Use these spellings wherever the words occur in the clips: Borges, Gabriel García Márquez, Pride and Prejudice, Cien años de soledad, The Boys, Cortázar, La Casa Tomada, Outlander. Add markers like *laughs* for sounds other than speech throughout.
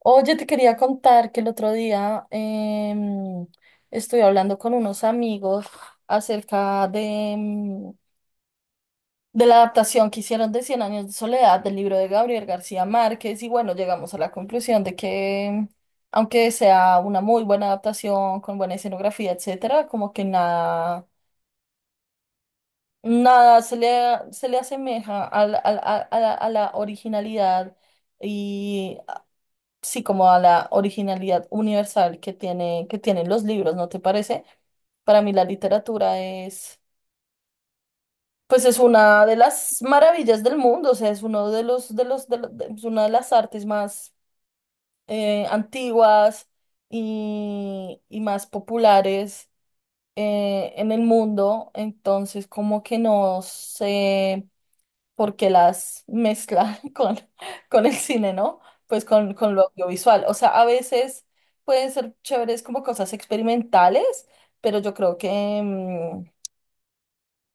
Oye, te quería contar que el otro día estuve hablando con unos amigos acerca em, de la adaptación que hicieron de Cien años de soledad, del libro de Gabriel García Márquez. Y bueno, llegamos a la conclusión de que, aunque sea una muy buena adaptación con buena escenografía, etcétera, como que nada, nada se le asemeja a la originalidad, sí, como a la originalidad universal que tienen los libros, ¿no te parece? Para mí la literatura pues es una de las maravillas del mundo, o sea, es uno de los, de los, de lo- de- es una de las artes más antiguas y más populares en el mundo, entonces como que no sé, porque las mezcla *laughs* con el cine, ¿no? Pues con lo audiovisual. O sea, a veces pueden ser chéveres como cosas experimentales, pero yo creo que,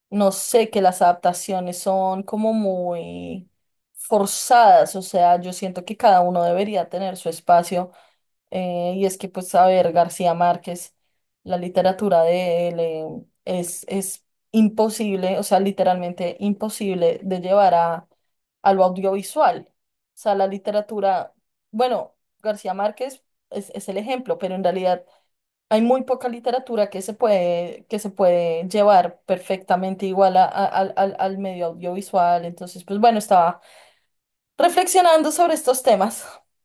no sé, que las adaptaciones son como muy forzadas. O sea, yo siento que cada uno debería tener su espacio. Y es que, pues, a ver, García Márquez, la literatura de él es imposible, o sea, literalmente imposible de llevar a lo audiovisual. O sea, la literatura, bueno, García Márquez es el ejemplo, pero en realidad hay muy poca literatura que se puede llevar perfectamente igual al medio audiovisual. Entonces, pues bueno, estaba reflexionando sobre estos temas. *laughs*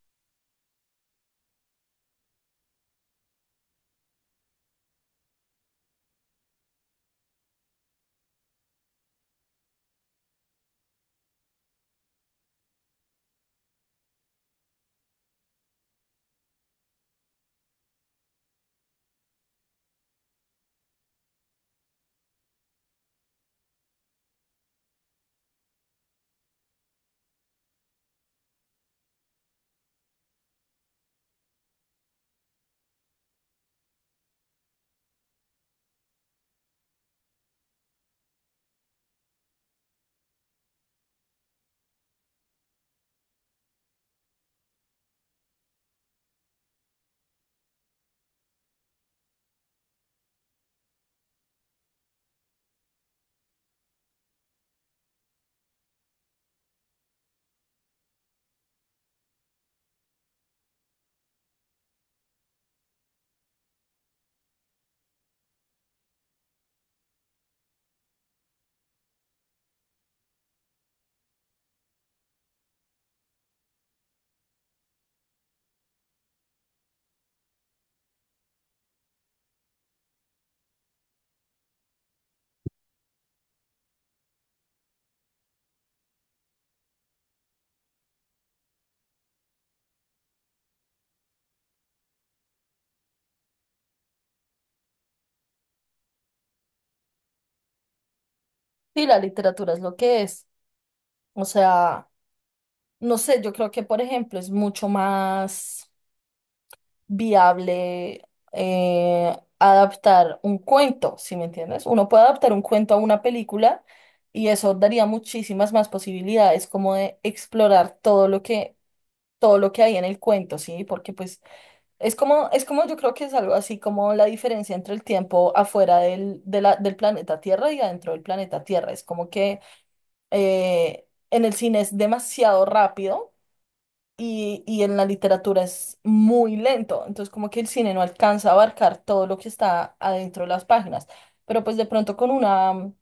Sí, la literatura es lo que es. O sea, no sé, yo creo que, por ejemplo, es mucho más viable adaptar un cuento, ¿si me entiendes? Uno puede adaptar un cuento a una película y eso daría muchísimas más posibilidades como de explorar todo lo que, hay en el cuento, ¿sí? Porque pues es como yo creo que es algo así como la diferencia entre el tiempo afuera del planeta Tierra y adentro del planeta Tierra. Es como que en el cine es demasiado rápido y en la literatura es muy lento, entonces como que el cine no alcanza a abarcar todo lo que está adentro de las páginas, pero pues de pronto con una,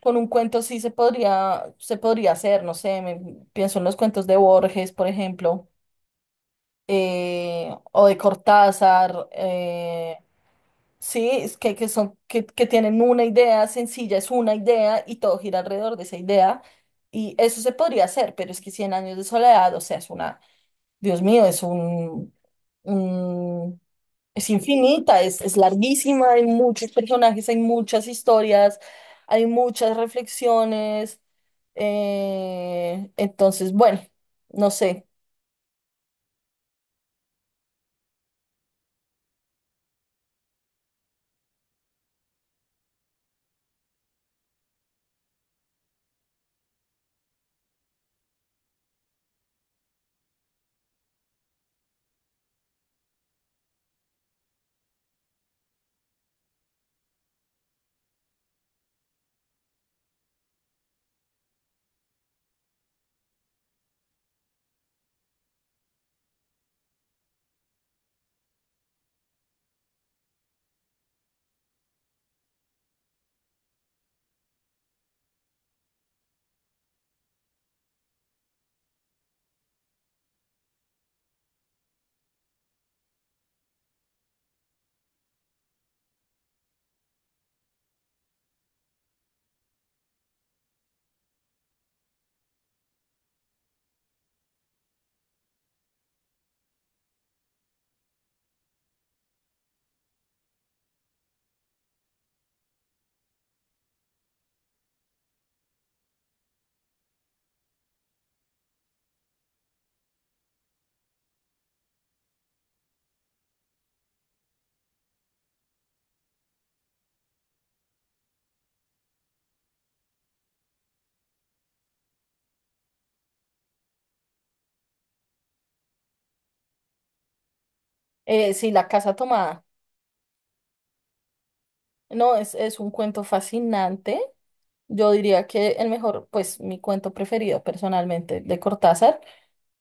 con un cuento sí se podría hacer, no sé, pienso en los cuentos de Borges, por ejemplo, o de Cortázar, sí, es que, que tienen una idea sencilla, es una idea y todo gira alrededor de esa idea. Y eso se podría hacer, pero es que Cien años de soledad, o sea, es una, Dios mío, es un, mm, es infinita, es larguísima, hay muchos personajes, hay muchas historias, hay muchas reflexiones. Entonces, bueno, no sé. Sí, La Casa Tomada. No, es un cuento fascinante. Yo diría que el mejor, pues mi cuento preferido personalmente de Cortázar,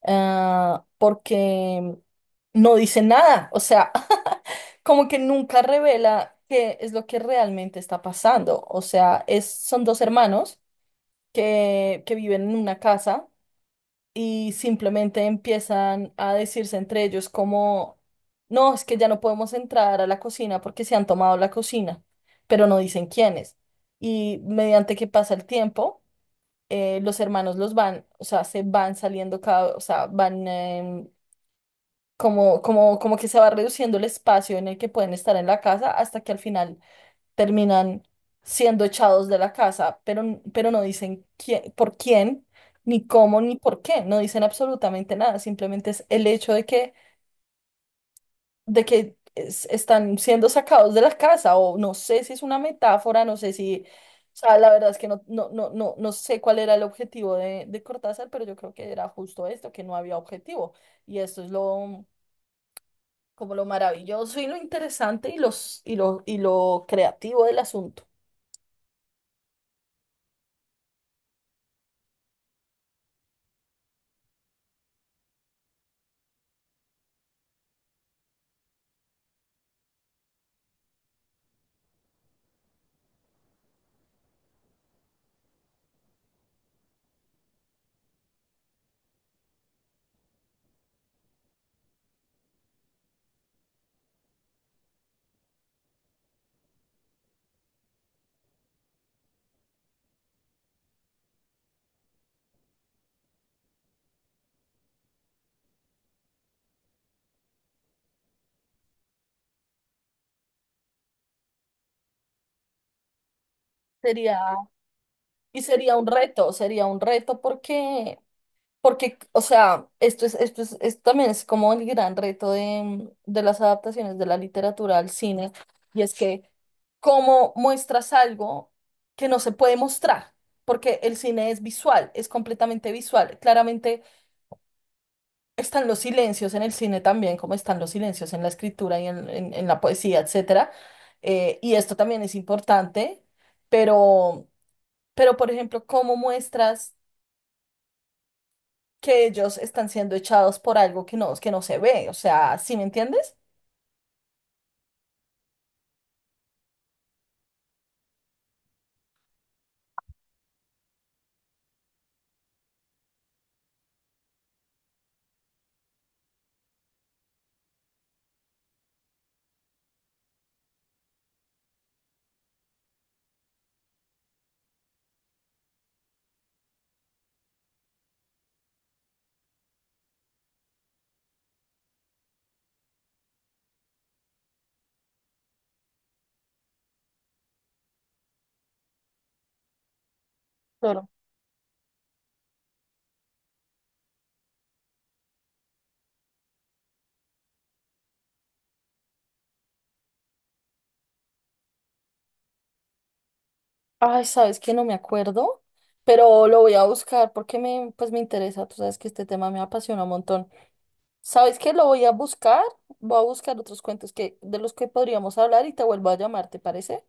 ah, porque no dice nada, o sea, *laughs* como que nunca revela qué es lo que realmente está pasando. O sea, son dos hermanos que viven en una casa, y simplemente empiezan a decirse entre ellos como: "No, es que ya no podemos entrar a la cocina porque se han tomado la cocina", pero no dicen quiénes. Y mediante que pasa el tiempo los hermanos los van, o sea, se van saliendo cada, o sea, van como que se va reduciendo el espacio en el que pueden estar en la casa, hasta que al final terminan siendo echados de la casa, pero no dicen quién, por quién, ni cómo, ni por qué, no dicen absolutamente nada, simplemente es el hecho de que están siendo sacados de la casa, o no sé si es una metáfora, no sé si, o sea, la verdad es que no, no, no, no, no sé cuál era el objetivo de Cortázar, pero yo creo que era justo esto, que no había objetivo, y esto es lo, como lo maravilloso y lo interesante y lo creativo del asunto. Sería, y sería un reto, sería un reto, porque, o sea, esto es, esto también es como el gran reto de las adaptaciones de la literatura al cine, y es que cómo muestras algo que no se puede mostrar, porque el cine es visual, es completamente visual. Claramente están los silencios en el cine también, como están los silencios en la escritura y en la poesía, etcétera. Y esto también es importante, pero, por ejemplo, cómo muestras que ellos están siendo echados por algo que no se ve. O sea, ¿sí me entiendes? Claro. Ay, sabes que no me acuerdo, pero lo voy a buscar porque pues me interesa. Tú sabes que este tema me apasiona un montón. ¿Sabes que Lo voy a buscar. Voy a buscar otros cuentos de los que podríamos hablar, y te vuelvo a llamar, ¿te parece?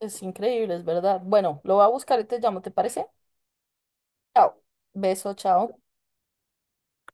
Es increíble, es verdad. Bueno, lo voy a buscar y te llamo, ¿te parece? Chao. Beso, chao.